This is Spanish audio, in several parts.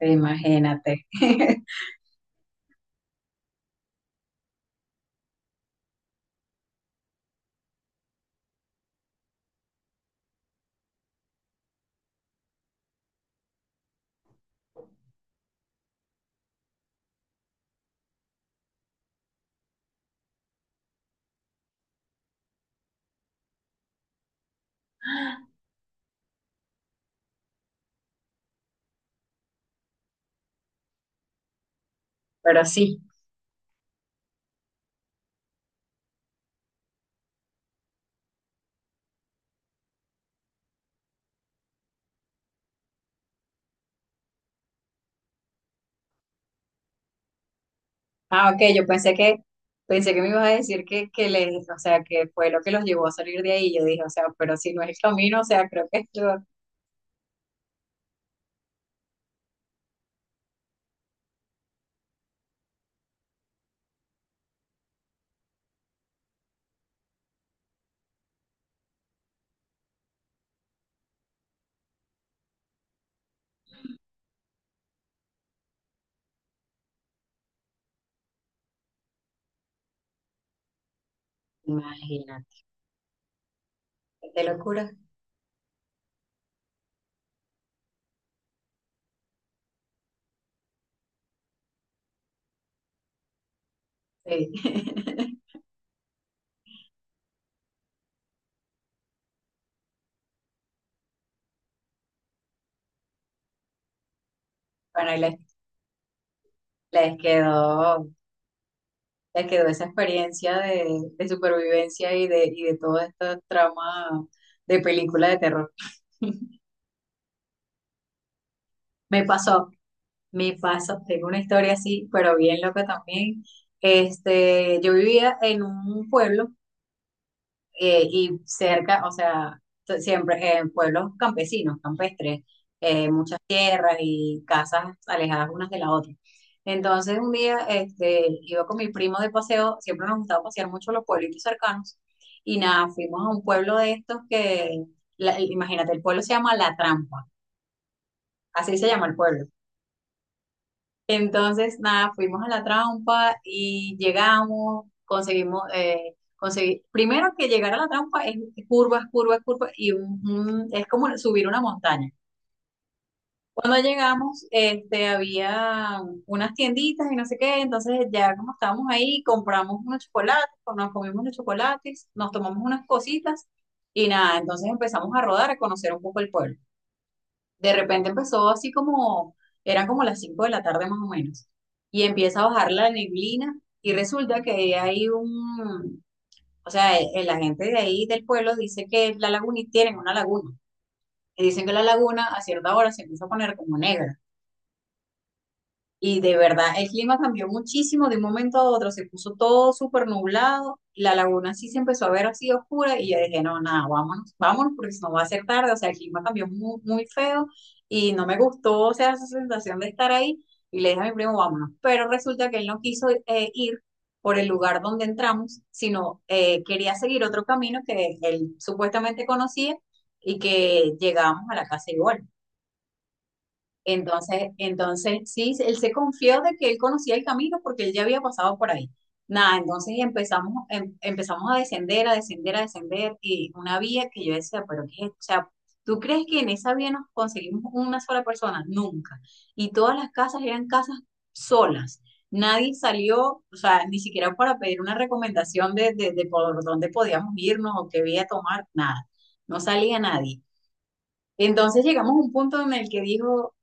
Imagínate. Pero sí. Ah, ok, yo pensé pensé que me ibas a decir que les, o sea, que fue lo que los llevó a salir de ahí. Yo dije, o sea, pero si no es el camino, o sea, creo que esto. Imagínate. Qué locura. Sí. Bueno, les quedó, les quedó esa experiencia de supervivencia y de todo este trama de película de terror. Me pasó, Mi paso, tengo una historia así, pero bien loca también. Este, yo vivía en un pueblo y cerca, o sea, siempre en pueblos campesinos, campestres, muchas tierras y casas alejadas unas de la otra. Entonces un día este, iba con mi primo de paseo, siempre nos gustaba pasear mucho los pueblitos cercanos y nada, fuimos a un pueblo de estos que, imagínate, el pueblo se llama La Trampa, así se llama el pueblo. Entonces, nada, fuimos a La Trampa y llegamos, conseguimos, conseguir, primero que llegar a La Trampa es curvas, curvas, curvas, y es como subir una montaña. Cuando llegamos, este, había unas tienditas y no sé qué, entonces ya como estábamos ahí, compramos unos chocolates, nos comimos unos chocolates, nos tomamos unas cositas y nada, entonces empezamos a rodar, a conocer un poco el pueblo. De repente empezó así como, eran como las 5 de la tarde más o menos, y empieza a bajar la neblina y resulta que hay un, o sea, la gente de ahí del pueblo dice que la laguna, tienen una laguna, y dicen que la laguna a cierta hora se empieza a poner como negra. Y de verdad, el clima cambió muchísimo de un momento a otro, se puso todo súper nublado, la laguna sí se empezó a ver así oscura y yo dije, no, nada, vámonos, vámonos porque si no va a ser tarde, o sea, el clima cambió muy, muy feo y no me gustó, o sea, esa sensación de estar ahí y le dije a mi primo, vámonos, pero resulta que él no quiso ir por el lugar donde entramos, sino quería seguir otro camino que él supuestamente conocía y que llegábamos a la casa igual. Entonces sí, él se confió de que él conocía el camino porque él ya había pasado por ahí. Nada, entonces empezamos, empezamos a descender, a descender, a descender, y una vía que yo decía, pero qué, ¿es esto? O sea, ¿tú crees que en esa vía nos conseguimos una sola persona? Nunca. Y todas las casas eran casas solas. Nadie salió, o sea, ni siquiera para pedir una recomendación de por dónde podíamos irnos o qué vía tomar, nada. No salía nadie. Entonces llegamos a un punto en el que dijo,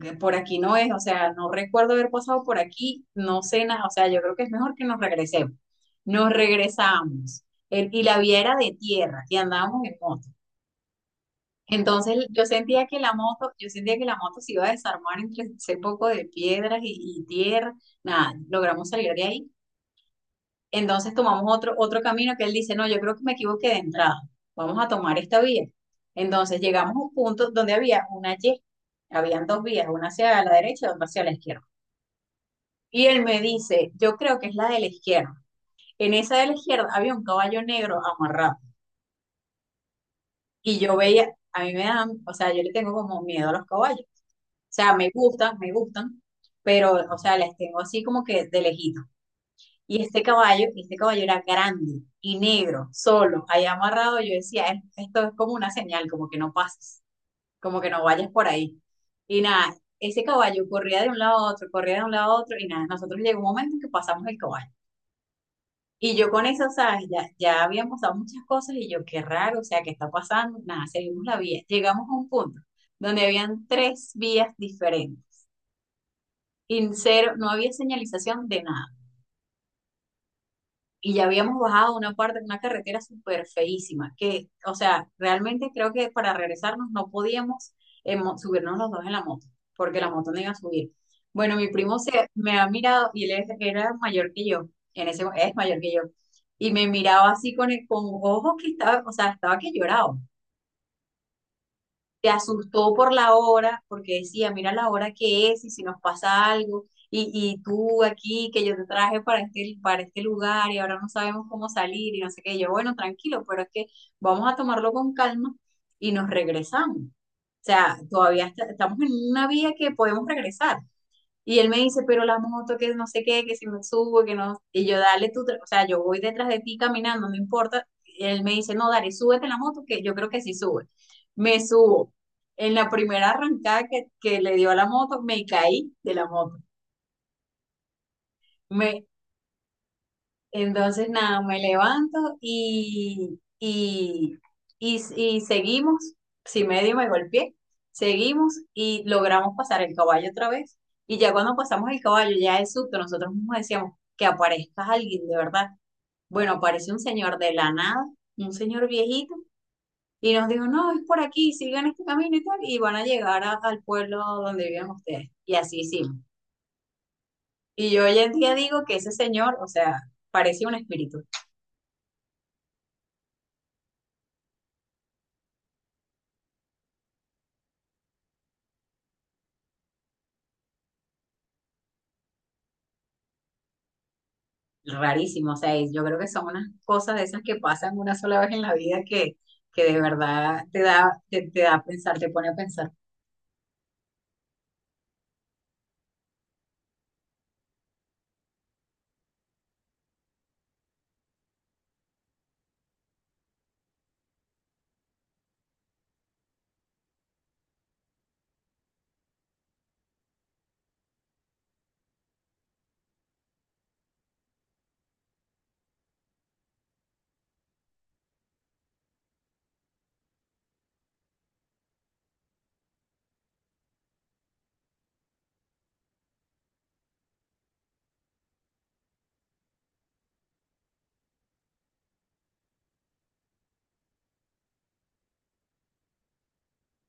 que por aquí no es, o sea, no recuerdo haber pasado por aquí, no sé nada, o sea, yo creo que es mejor que nos regresemos. Nos regresamos y la vía era de tierra y andábamos en moto. Entonces yo sentía que la moto se iba a desarmar entre ese poco de piedras y tierra, nada, logramos salir de ahí. Entonces tomamos otro camino que él dice, no, yo creo que me equivoqué de entrada, vamos a tomar esta vía. Entonces llegamos a un punto donde había una Y, habían dos vías, una hacia la derecha y otra hacia la izquierda. Y él me dice, yo creo que es la de la izquierda. En esa de la izquierda había un caballo negro amarrado. Y yo veía, a mí me dan, o sea, yo le tengo como miedo a los caballos. O sea, me gustan, pero, o sea, les tengo así como que de lejito. Y este caballo era grande y negro, solo, ahí amarrado. Yo decía, esto es como una señal, como que no pases, como que no vayas por ahí." Y nada, ese caballo corría de un lado a otro, corría de un lado a otro, y nada, nosotros llegó un momento en que pasamos el caballo. Y yo con eso, ¿sabes? Ya, ya habíamos dado muchas cosas y yo, qué raro, o sea, ¿qué está pasando? Nada, seguimos la vía. Llegamos a un punto donde habían tres vías diferentes y cero, no había señalización de nada. Y ya habíamos bajado una parte de una carretera súper feísima, que, o sea, realmente creo que para regresarnos no podíamos subirnos los dos en la moto, porque la moto no iba a subir. Bueno, mi primo se me ha mirado y él era mayor que yo, en ese es mayor que yo, y me miraba así con, con ojos que estaba, o sea, estaba que lloraba, se asustó por la hora, porque decía, mira la hora que es y si nos pasa algo, y tú aquí, que yo te traje para este lugar y ahora no sabemos cómo salir y no sé qué. Y yo, bueno, tranquilo, pero es que vamos a tomarlo con calma y nos regresamos. O sea, todavía estamos en una vía que podemos regresar. Y él me dice, pero la moto, que no sé qué, que si me subo, que no. Y yo, dale tú, o sea, yo voy detrás de ti caminando, no importa. Y él me dice, no, dale, súbete en la moto, que yo creo que sí sube. Me subo. En la primera arrancada que le dio a la moto, me caí de la moto. Me, Entonces, nada, me levanto y seguimos. Si medio me golpeé, seguimos y logramos pasar el caballo otra vez. Y ya cuando pasamos el caballo, ya es susto, nosotros mismos decíamos que aparezca alguien de verdad. Bueno, aparece un señor de la nada, un señor viejito, y nos dijo, no, es por aquí, sigan este camino y tal, y van a llegar al pueblo donde viven ustedes. Y así hicimos. Y yo hoy en día digo que ese señor, o sea, parecía un espíritu. Rarísimo. O sea, yo creo que son unas cosas de esas que pasan una sola vez en la vida que de verdad te da, te da a pensar, te pone a pensar.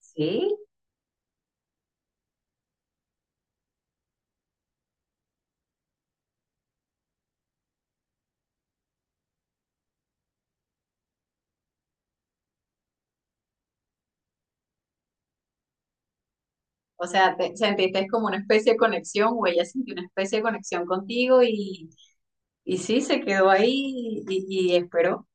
Sí, o sea, sentiste como una especie de conexión o ella sintió una especie de conexión contigo y sí, se quedó ahí y esperó.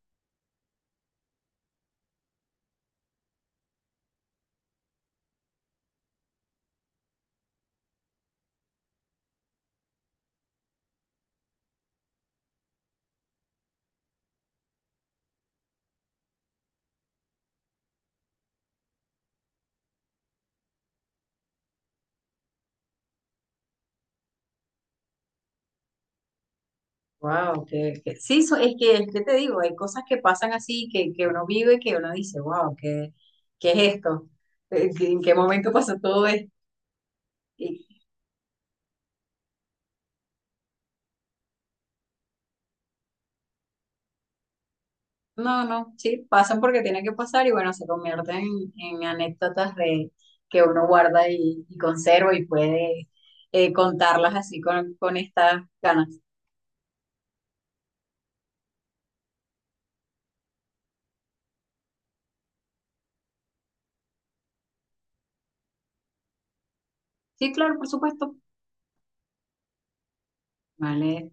Wow, sí, es que te digo, hay cosas que pasan así, que uno vive, que uno dice, wow, ¿qué, qué es esto? ¿En qué momento pasó todo esto? No, no, sí, pasan porque tienen que pasar y bueno, se convierten en anécdotas de que uno guarda y conserva y puede contarlas así con estas ganas. Sí, claro, por supuesto. Vale,